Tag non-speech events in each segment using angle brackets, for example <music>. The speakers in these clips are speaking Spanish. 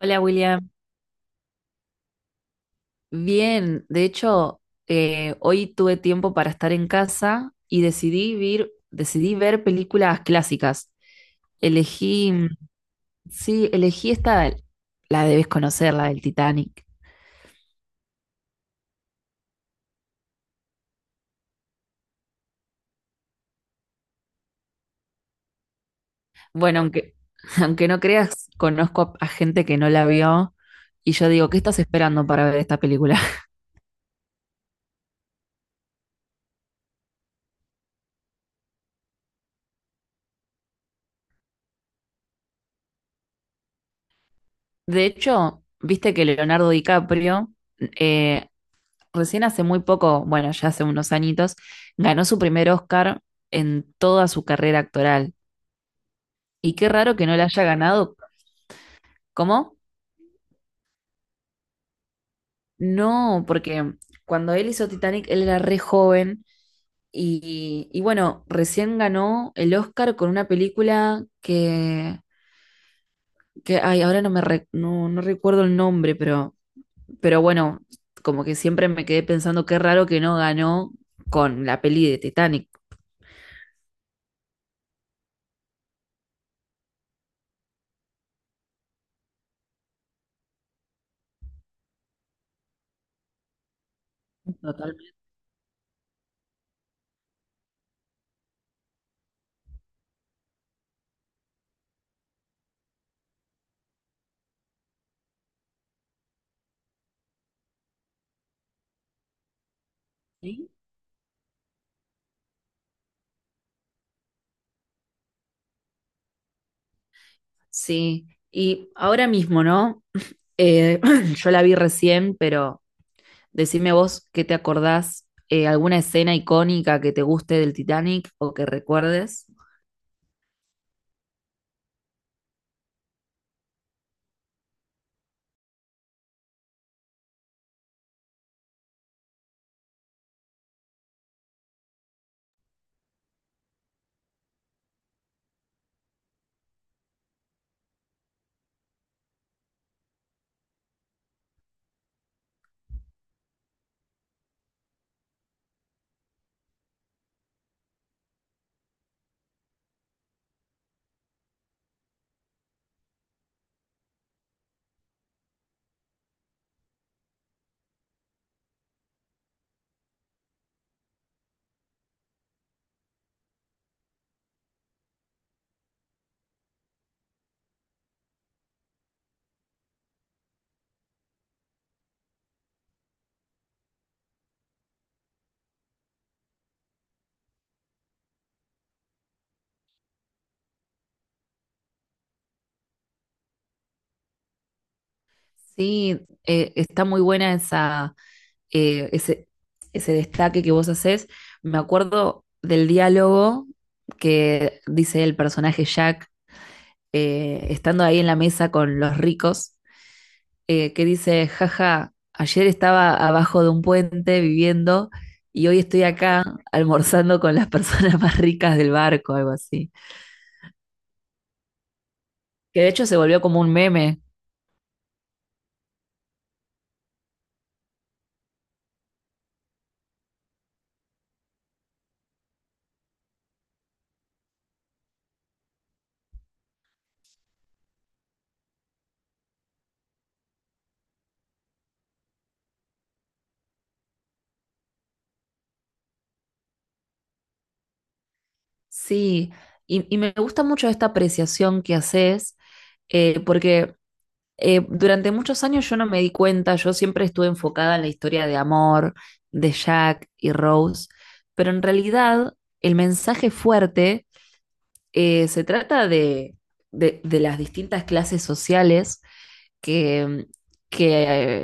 Hola William, bien, de hecho hoy tuve tiempo para estar en casa y decidí ver películas clásicas. Elegí, mm, sí, elegí esta, la debes conocer, la del Titanic. Bueno, aunque, <laughs> aunque no creas, conozco a gente que no la vio y yo digo, ¿qué estás esperando para ver esta película? <laughs> De hecho, viste que Leonardo DiCaprio eh, recién hace muy poco, bueno, ya hace unos añitos, ganó su primer Oscar en toda su carrera actoral. Y qué raro que no le haya ganado. ¿Cómo? No, porque cuando él hizo Titanic, él era re joven. Y bueno, recién ganó el Oscar con una película que ay, ahora no me re- no, no recuerdo el nombre, pero bueno, como que siempre me quedé pensando qué raro que no ganó con la peli de Titanic. Totalmente. Sí, y ahora mismo, ¿no? Eh, <laughs> <clears throat> yo la vi recién, pero decime vos qué te acordás, alguna escena icónica que te guste del Titanic o que recuerdes. Sí, está muy buena esa, eh, ese, ese destaque que vos hacés. Me acuerdo del diálogo que dice el personaje Jack, estando ahí en la mesa con los ricos, que dice, jaja, ayer estaba abajo de un puente viviendo y hoy estoy acá almorzando con las personas <laughs> más ricas del barco, algo así. Que de hecho se volvió como un meme. Sí, y me gusta mucho esta apreciación que haces, porque durante muchos años yo no me di cuenta, yo siempre estuve enfocada en la historia de amor de Jack y Rose, pero en realidad el mensaje fuerte se trata de las distintas clases sociales que, que,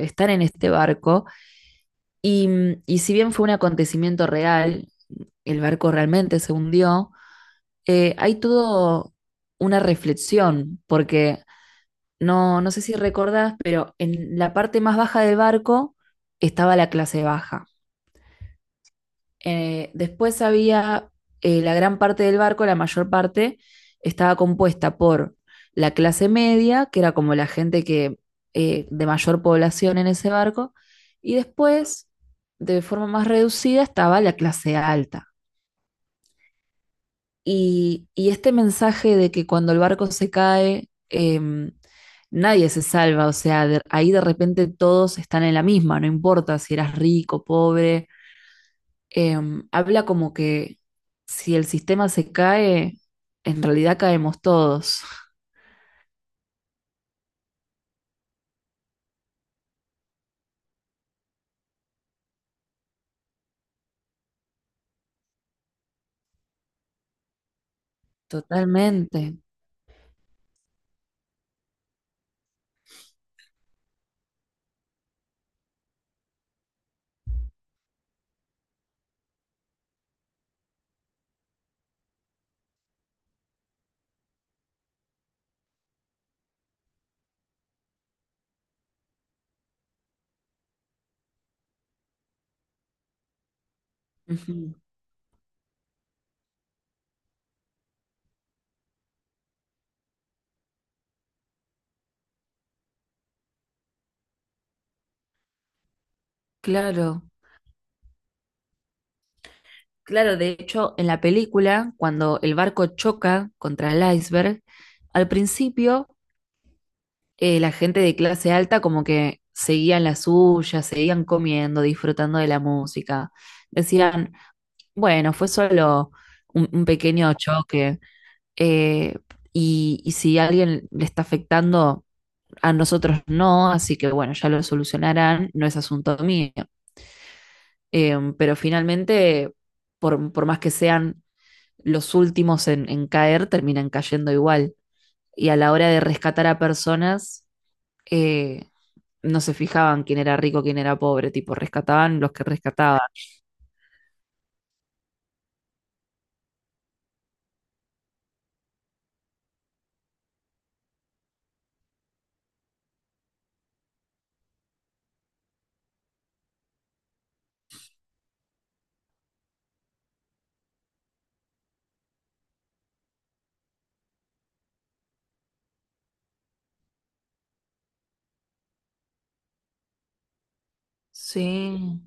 están en este barco y, y si bien fue un acontecimiento real, el barco realmente se hundió, hay todo una reflexión porque no sé si recordás, pero en la parte más baja del barco estaba la clase baja. Después había la gran parte del barco, la mayor parte, estaba compuesta por la clase media, que era como la gente de mayor población en ese barco, y después, de forma más reducida, estaba la clase alta. Y este mensaje de que cuando el barco se cae, nadie se salva, o sea, ahí de repente todos están en la misma, no importa si eras rico, pobre, habla como que si el sistema se cae, en realidad caemos todos. Totalmente. Ujú. Claro. Claro, de hecho, en la película, cuando el barco choca contra el iceberg, al principio la gente de clase alta como que seguían la suya, seguían comiendo, disfrutando de la música. Decían, bueno, fue solo un pequeño choque. eh, y si a alguien le está afectando a nosotros no, así que bueno, ya lo solucionarán, no es asunto mío. Pero finalmente, más que sean los últimos caer, terminan cayendo igual. Y a la hora de rescatar a personas, eh, no se fijaban quién era rico, quién era pobre, tipo, rescataban los que rescataban. Sí,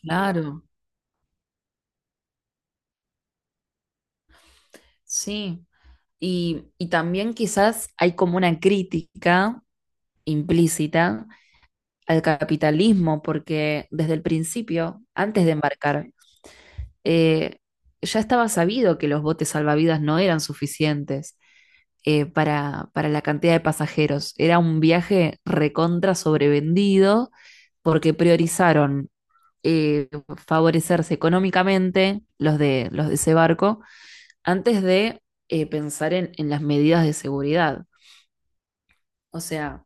claro, sí. Y también quizás hay como una crítica implícita al capitalismo, porque desde el principio, antes de embarcar, eh, ya estaba sabido que los botes salvavidas no eran suficientes para la cantidad de pasajeros. Era un viaje recontra sobrevendido porque priorizaron eh, favorecerse económicamente los de ese barco antes de pensar en las medidas de seguridad. O sea,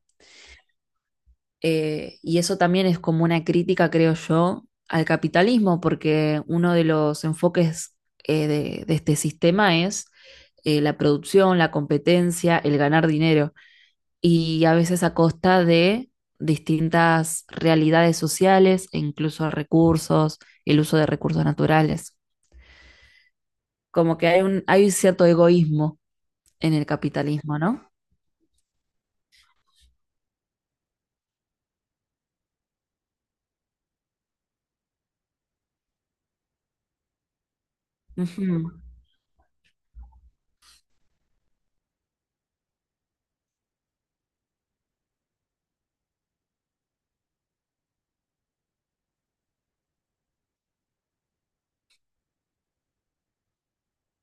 Y eso también es como una crítica, creo yo, al capitalismo, porque uno de los enfoques de este sistema es la producción, la competencia, el ganar dinero, y a veces a costa de distintas realidades sociales e incluso recursos, el uso de recursos naturales. Como que hay un cierto egoísmo en el capitalismo, ¿no? Ujú.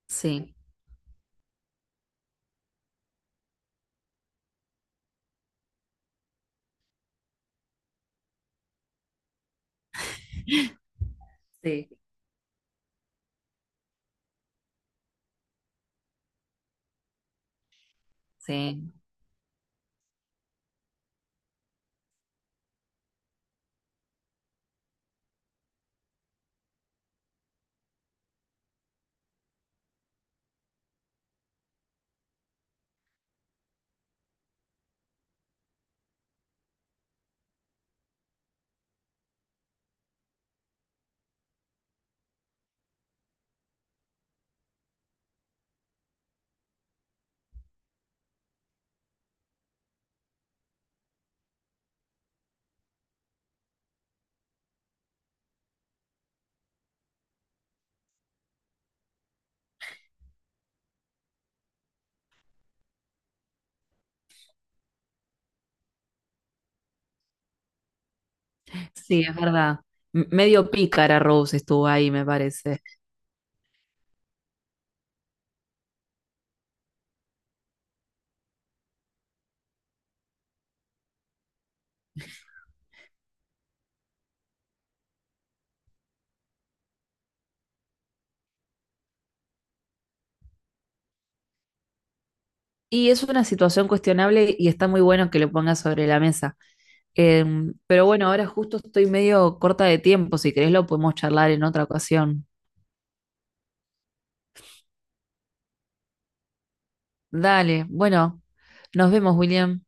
Sí, sí, sí. Sí, es verdad. M- Medio pícara Rose estuvo ahí, me parece. Y es una situación cuestionable y está muy bueno que lo pongas sobre la mesa. Em, pero bueno, ahora justo estoy medio corta de tiempo. Si querés, lo podemos charlar en otra ocasión. Dale, bueno, nos vemos, William.